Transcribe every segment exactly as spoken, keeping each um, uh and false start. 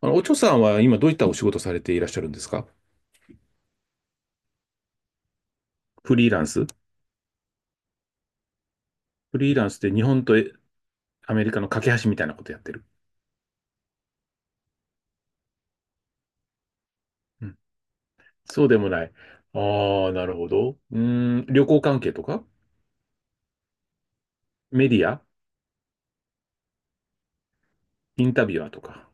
あの、おちょさんは今どういったお仕事されていらっしゃるんですか？フリーランス。フリーランスって日本とえアメリカの架け橋みたいなことやってる。うん。そうでもない。ああ、なるほど。うーん、旅行関係とか？メディア？インタビュアーとか？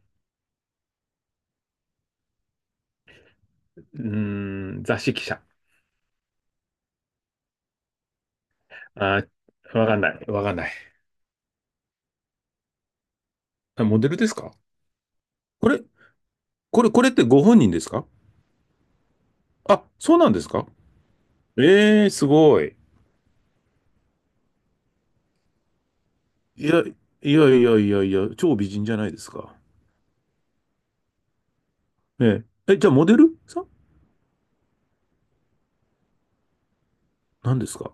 うーん、雑誌記者？あー、わかんない。わかんない。あ、モデルですか？これ、これ、これってご本人ですか？あ、そうなんですか。ええー、すごい。いや、いやいやいやいや、超美人じゃないですか。ええ。え、じゃあモデルさんなんですか？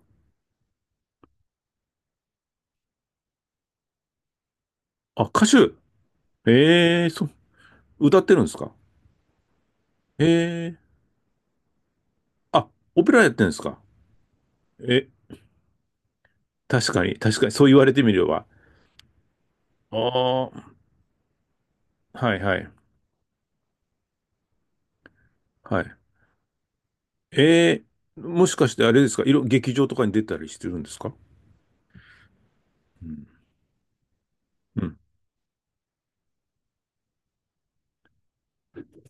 あ、歌手。ええ、そう、歌ってるんですか。ええ、あ、オペラやってるんですか。え、確かに、確かに、そう言われてみれば。ああ、はいはい、はい。ええ、もしかしてあれですか、いろ、劇場とかに出たりしてるんですか。うん。うん。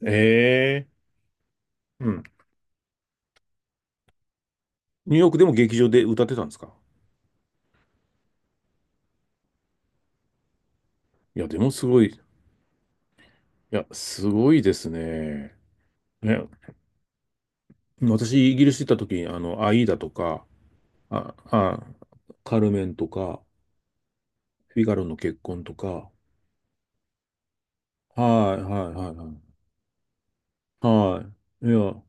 ええ、うん。ニューヨークでも劇場で歌ってたんですか。いや、でもすごい、いや、すごいですね。ね、私、イギリス行った時に、あの、アイーダとか、あ、あ、カルメンとか、フィガロの結婚とか。はい、はい、はい、はい。はい。いや、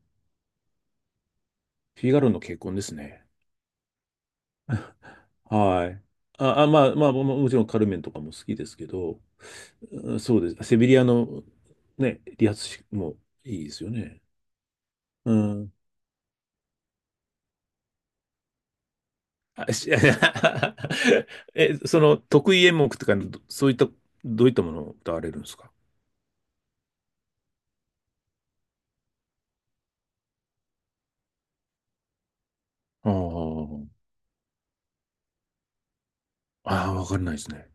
フィガロの結婚ですね。はい。あ、あ、まあ、まあ、ももちろんカルメンとかも好きですけど、うん、そうです。セビリアの、ね、理髪師もいいですよね。うん。あ、し、え、その、得意演目とか、どそういった、どういったものを歌われるんですか？ああ、ああ、わかんないですね。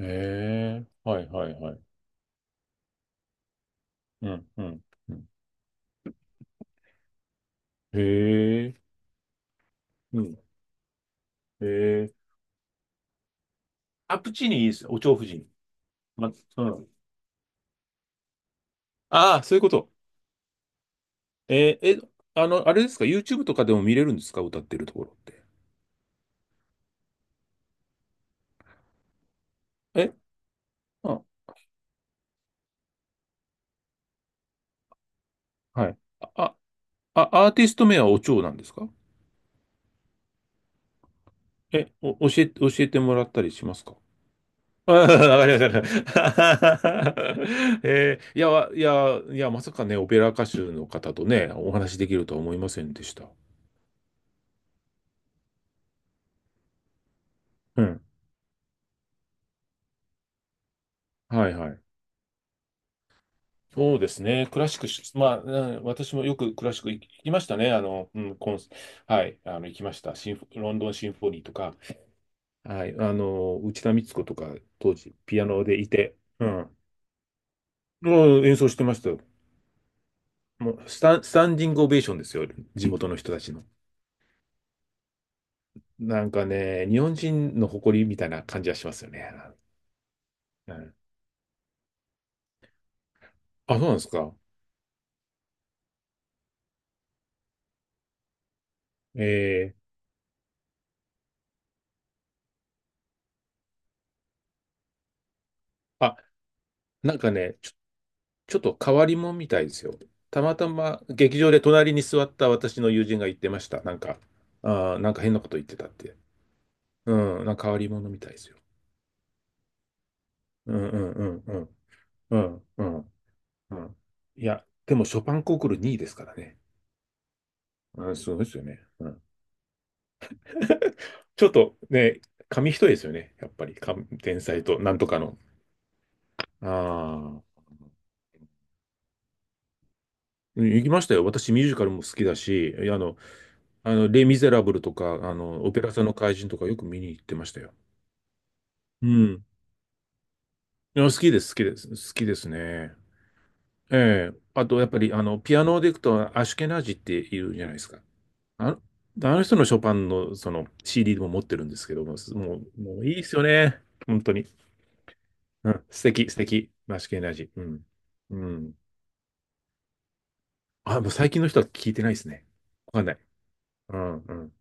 へえ、はいはいはい。うん、うん。うん。へえ、うん。へえ。アプチーニいいですよ。お蝶夫人。ま、うん。ああ、そういうこと。えーえ、あの、あれですか ?YouTube とかでも見れるんですか、歌ってるところって。え、あ、はい。あ、あ、アーティスト名はお蝶なんですか？え、お、教え、教えてもらったりしますか？ああ、わかりました。えーいや、わいや、いや、まさかね、オペラ歌手の方とね、お話しできるとは思いませんでした。うん。はいはい。そうですね。クラシックし、まあ、うん、私もよくクラシック行きましたね。あの、うん、コンス、はい、あの、行きました。シンフ、ロンドンシンフォニーとか、はい、あの、内田光子とか、当時、ピアノでいて、うん、もう演奏してましたよ。もうスタン、スタンディングオベーションですよ。地元の人たちの。なんかね、日本人の誇りみたいな感じはしますよね。うん、あ、そうなんですか。えー、あ、なんかね、ちょっと変わり者みたいですよ。たまたま劇場で隣に座った私の友人が言ってました。なんか、あーなんか変なこと言ってたって。うん、なんか変わり者みたいですよ。うんうんうんうん。うんうんうん。いや、でもショパンコンクールにいですからね。うん、すごいですよね。うん、ちょっとね、紙一重ですよね。やっぱり、か天才となんとかの。ああ。うん、行きましたよ。私、ミュージカルも好きだし、あの、あの、レ・ミゼラブルとか、あの、オペラ座の怪人とかよく見に行ってましたよ。うん。いや、好きです、好きです、好きですね。ええ。あと、やっぱり、あの、ピアノでいくと、アシュケナージっていうじゃないですか。あの、あの人のショパンの、その、シーディー も持ってるんですけども、すもう、もういいですよね。本当に。うん。素敵、素敵。アシュケナージ。うん。うん。あ、もう最近の人は聞いてないですね。わかんない。うん、うん。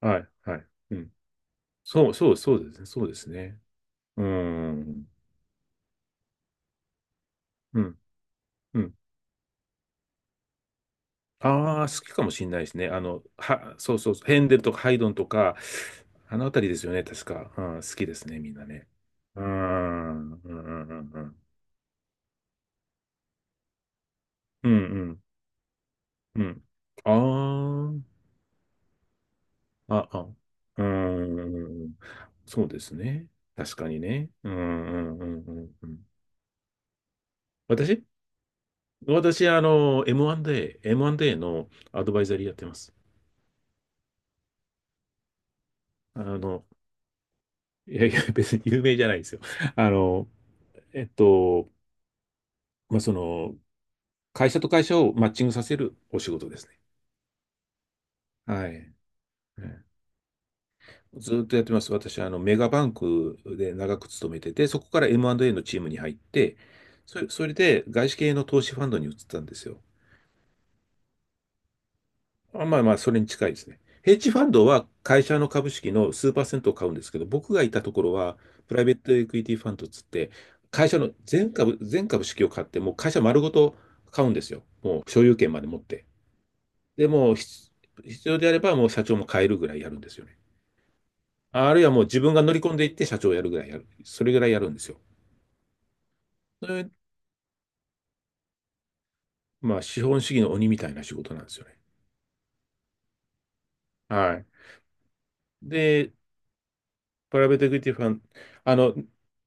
はい、はい。うん。そう、そう、そうですね。そうですね。うん。うん。うん。ああ、好きかもしれないですね。あの、は、そうそうそう、ヘンデルとかハイドンとか、あのあたりですよね、確か。うん、好きですね、みんなね。うーん、うん、うん、うん、うん。うん、うん。うん。ああ、あ、あうーん、そうですね。確かにね。うん、うん、うん、うん。うん。私私、あの、エムアンドエー、エムアンドエー のアドバイザリーやってます。あの、いやいや、別に有名じゃないですよ。あの、えっと、まあ、その、会社と会社をマッチングさせるお仕事ですね。はい。うん、ずっとやってます。私はあのメガバンクで長く勤めてて、そこから エムアンドエー のチームに入って、それ、それで外資系の投資ファンドに移ったんですよ。あまあまあ、それに近いですね。ヘッジファンドは会社の株式の数パーセントを買うんですけど、僕がいたところは、プライベートエクイティファンドっつって、会社の全株、全株式を買って、もう会社丸ごと買うんですよ。もう所有権まで持って。で、もうひ必要であればもう社長も変えるぐらいやるんですよね。あるいはもう自分が乗り込んでいって社長をやるぐらいやる。それぐらいやるんですよ。それまあ、資本主義の鬼みたいな仕事なんですよね。はい。で、プライベートエクイティファン、あの、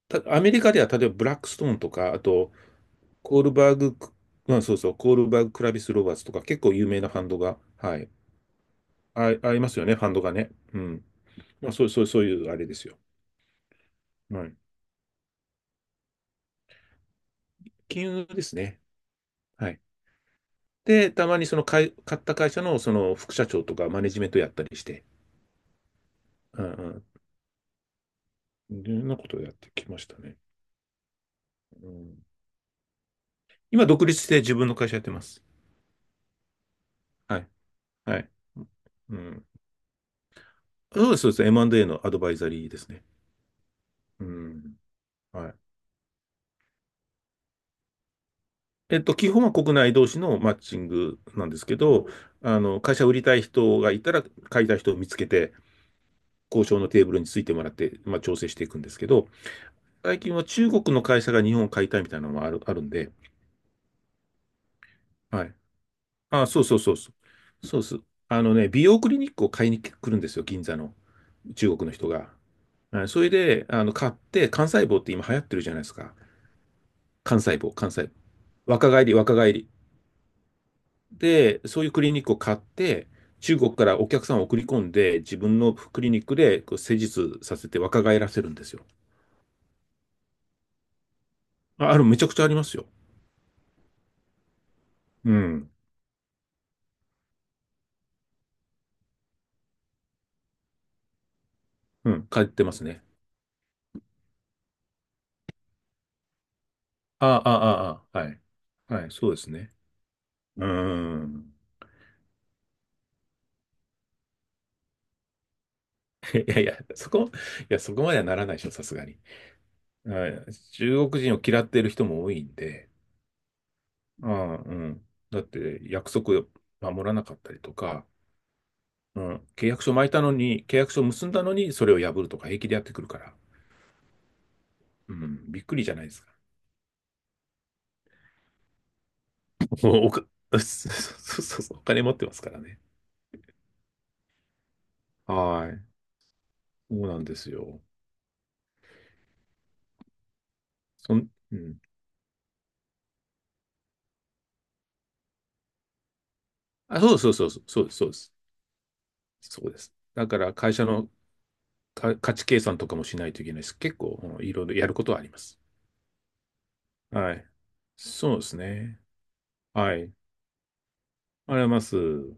たアメリカでは例えばブラックストーンとか、あと、コールバーグ、まあ、そうそう、コールバーグ・クラビス・ロバーツとか、結構有名なファンドが、はい、あ、ありますよね、ファンドがね。うん。まあ、そう、そう、そういうあれですよ。はい。金融ですね。はい。で、たまにその買い、買った会社のその副社長とかマネジメントやったりして、うんうん。いろんなことをやってきましたね。うん、今、独立して自分の会社やってます。はい。はい。うん。そうです、そうです。エムアンドエー のアドバイザリーですね。うん。はい。えっと、基本は国内同士のマッチングなんですけど、あの、会社売りたい人がいたら、買いたい人を見つけて、交渉のテーブルについてもらって、まあ、調整していくんですけど、最近は中国の会社が日本を買いたいみたいなのもある、あるんで、はい。あ、そうそうそうそう。そうそう。あのね、美容クリニックを買いに来るんですよ、銀座の。中国の人が。はい、それで、あの、買って、幹細胞って今流行ってるじゃないですか。幹細胞、幹細胞。若返り、若返り。で、そういうクリニックを買って、中国からお客さんを送り込んで、自分のクリニックでこう施術させて若返らせるんですよ。あ、ある、めちゃくちゃありますよ。うん。うん、買ってますね。ああ、ああ、ああ、はい。はい、そうですね。うーん。いやいや、そこ、いや、そこまではならないでしょ、さすがに。うん、中国人を嫌っている人も多いんで、うんうん、だって約束を守らなかったりとか、うん、契約書巻いたのに、契約書結んだのに、それを破るとか平気でやってくるから、うん、びっくりじゃないですか。もうおか、そうそうそうそう、お金持ってますからね。はい。そうなんですよ。そん、うん。あ、そうそうそうそう、そうです、そうです。そうです。だから会社のか価値計算とかもしないといけないです、結構。うん、いろいろやることはあります。はい。そうですね。はい。ありがとうございます。